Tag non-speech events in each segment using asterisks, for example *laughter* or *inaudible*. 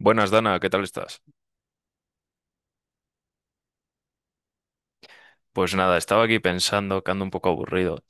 Buenas, Dana, ¿qué tal estás? Pues nada, estaba aquí pensando que ando un poco aburrido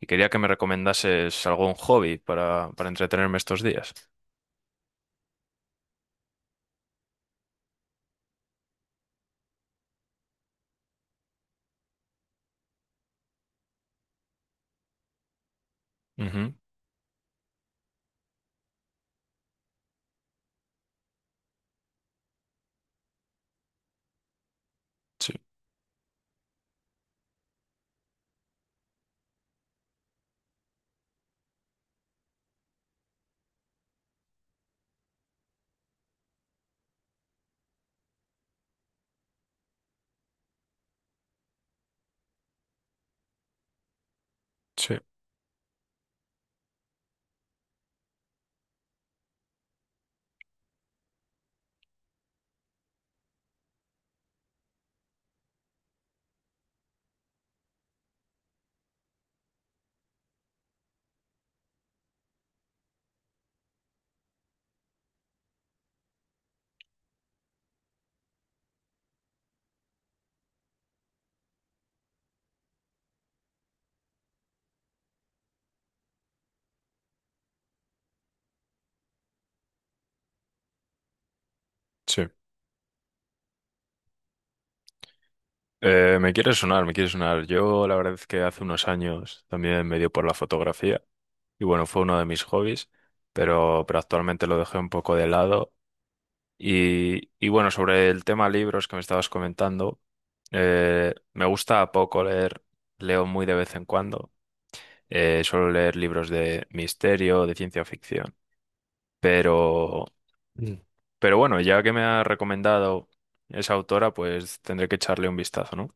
y quería que me recomendases algún hobby para entretenerme estos días. Ujú. Sí, sí, sí. Me quiere sonar, me quiere sonar. Yo la verdad es que hace unos años también me dio por la fotografía y bueno, fue uno de mis hobbies, pero actualmente lo dejé un poco de lado. Y bueno, sobre el tema libros que me estabas comentando, me gusta poco leer, leo muy de vez en cuando. Suelo leer libros de misterio, de ciencia ficción. Pero… Mm. Pero bueno, ya que me ha recomendado esa autora, pues tendré que echarle un vistazo, ¿no?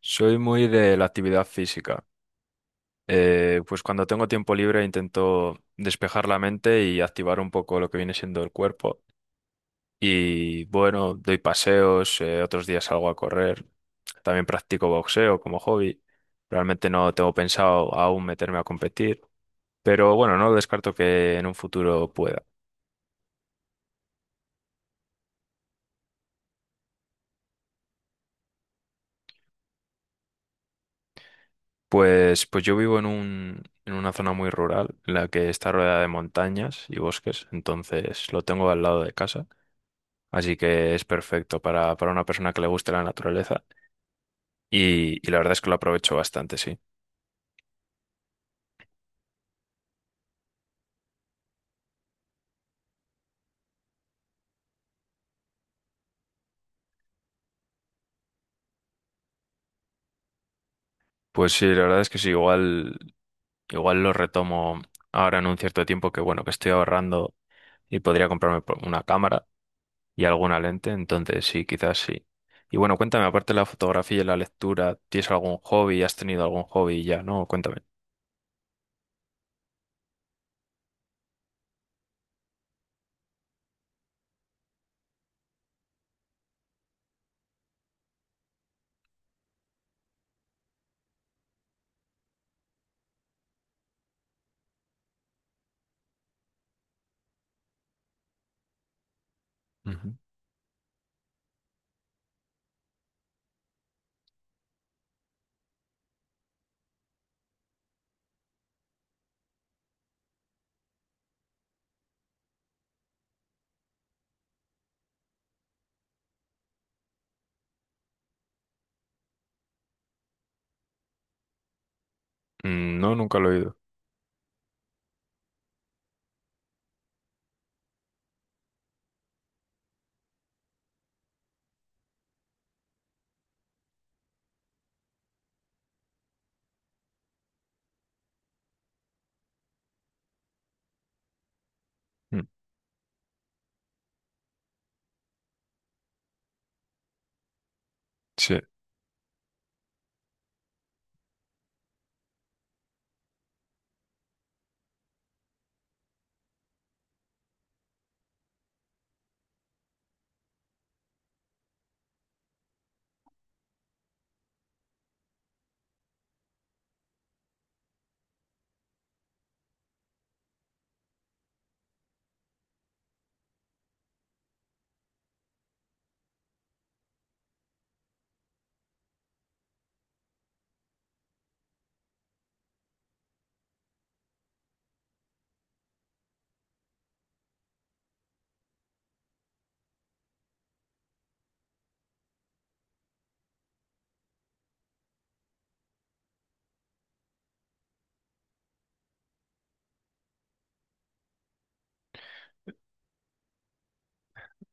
Soy muy de la actividad física. Pues cuando tengo tiempo libre intento despejar la mente y activar un poco lo que viene siendo el cuerpo. Y bueno, doy paseos, otros días salgo a correr. También practico boxeo como hobby. Realmente no tengo pensado aún meterme a competir. Pero bueno, no lo descarto que en un futuro pueda. Pues yo vivo en una zona muy rural, en la que está rodeada de montañas y bosques, entonces lo tengo al lado de casa, así que es perfecto para una persona que le guste la naturaleza y la verdad es que lo aprovecho bastante, sí. Pues sí, la verdad es que sí, igual, igual lo retomo ahora en un cierto tiempo que bueno, que estoy ahorrando y podría comprarme una cámara y alguna lente, entonces sí, quizás sí. Y bueno, cuéntame, aparte de la fotografía y la lectura, ¿tienes algún hobby? ¿Has tenido algún hobby ya? No, cuéntame. Ujú. Mm. No, nunca lo he oído. Mm. Sí.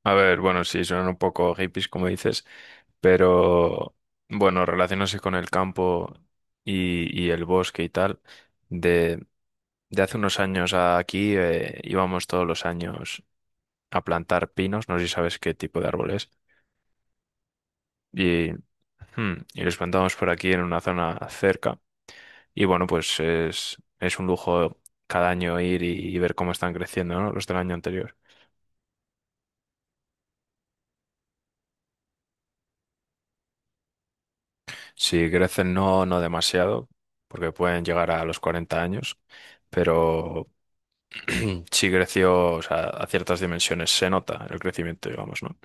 A ver, bueno, sí, suenan un poco hippies, como dices, pero bueno, relacionándose con el campo y el bosque y tal, de, de hace unos años a aquí íbamos todos los años a plantar pinos, no sé si sabes qué tipo de árboles y, hmm, y los plantamos por aquí en una zona cerca. Y bueno, pues es un lujo cada año ir y ver cómo están creciendo, ¿no? Los del año anterior. Si crecen, no, no demasiado, porque pueden llegar a los 40 años, pero *clears throat* sí creció, o sea, a ciertas dimensiones se nota el crecimiento, digamos, ¿no?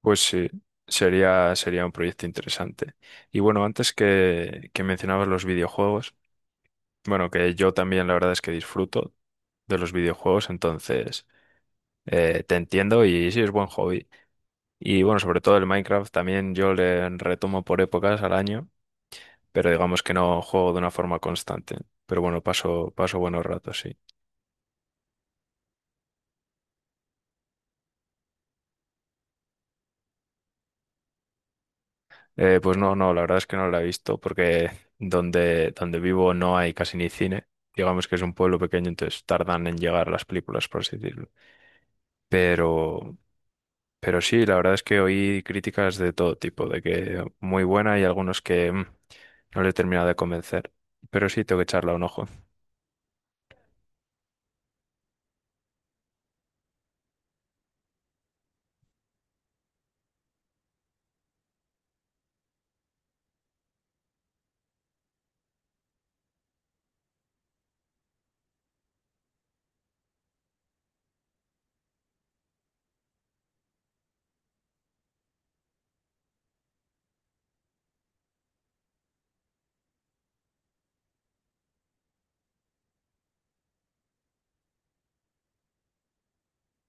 Pues sí, sería, sería un proyecto interesante. Y bueno, antes que mencionabas los videojuegos, bueno, que yo también la verdad es que disfruto de los videojuegos, entonces te entiendo y sí es buen hobby. Y bueno, sobre todo el Minecraft también yo le retomo por épocas al año, pero digamos que no juego de una forma constante. Pero bueno, paso, paso buenos ratos, sí. Pues no, no, la verdad es que no la he visto porque donde vivo no hay casi ni cine. Digamos que es un pueblo pequeño, entonces tardan en llegar las películas, por así decirlo. Pero… Pero sí, la verdad es que oí críticas de todo tipo, de que muy buena y algunos que no le he terminado de convencer. Pero sí, tengo que echarle un ojo.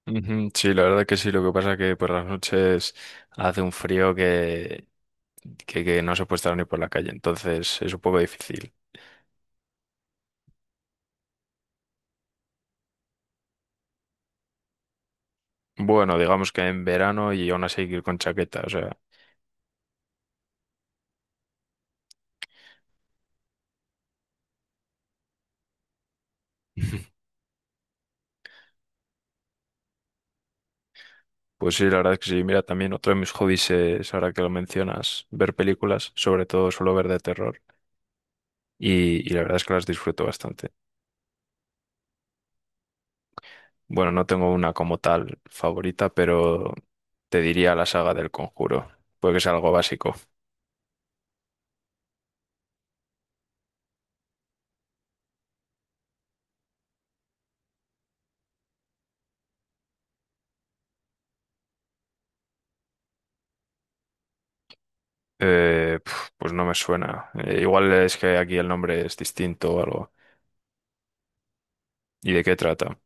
Ujú. Sí, la verdad que sí. Lo que pasa que por las noches hace un frío que no se puede estar ni por la calle, entonces es un poco difícil. Bueno, digamos que en verano y aún así ir con chaqueta, o sea… *laughs* Pues sí, la verdad es que sí. Mira, también otro de mis hobbies es, ahora que lo mencionas, ver películas, sobre todo suelo ver de terror y la verdad es que las disfruto bastante. Bueno, no tengo una como tal favorita, pero te diría la saga del Conjuro, porque es algo básico. Pues no me suena. Igual es que aquí el nombre es distinto o algo. ¿Y de qué trata?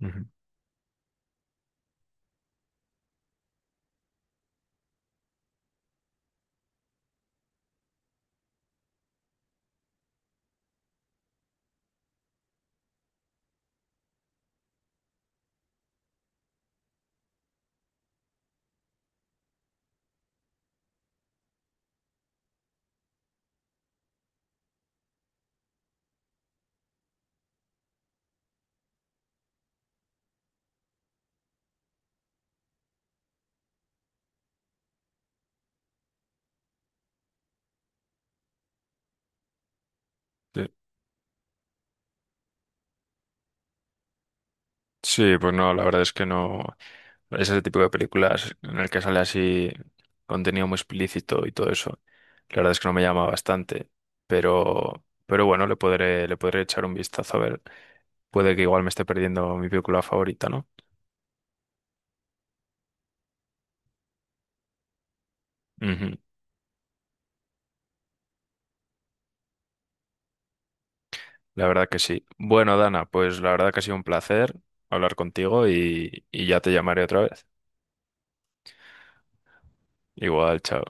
Ujú. Sí. Sí, pues no, la verdad es que no. Es ese tipo de películas en el que sale así contenido muy explícito y todo eso. La verdad es que no me llama bastante, pero bueno, le podré echar un vistazo a ver. Puede que igual me esté perdiendo mi película favorita, ¿no? Ujú. La verdad que sí. Bueno, Dana, pues la verdad que ha sido un placer hablar contigo y ya te llamaré otra vez. Igual, chao.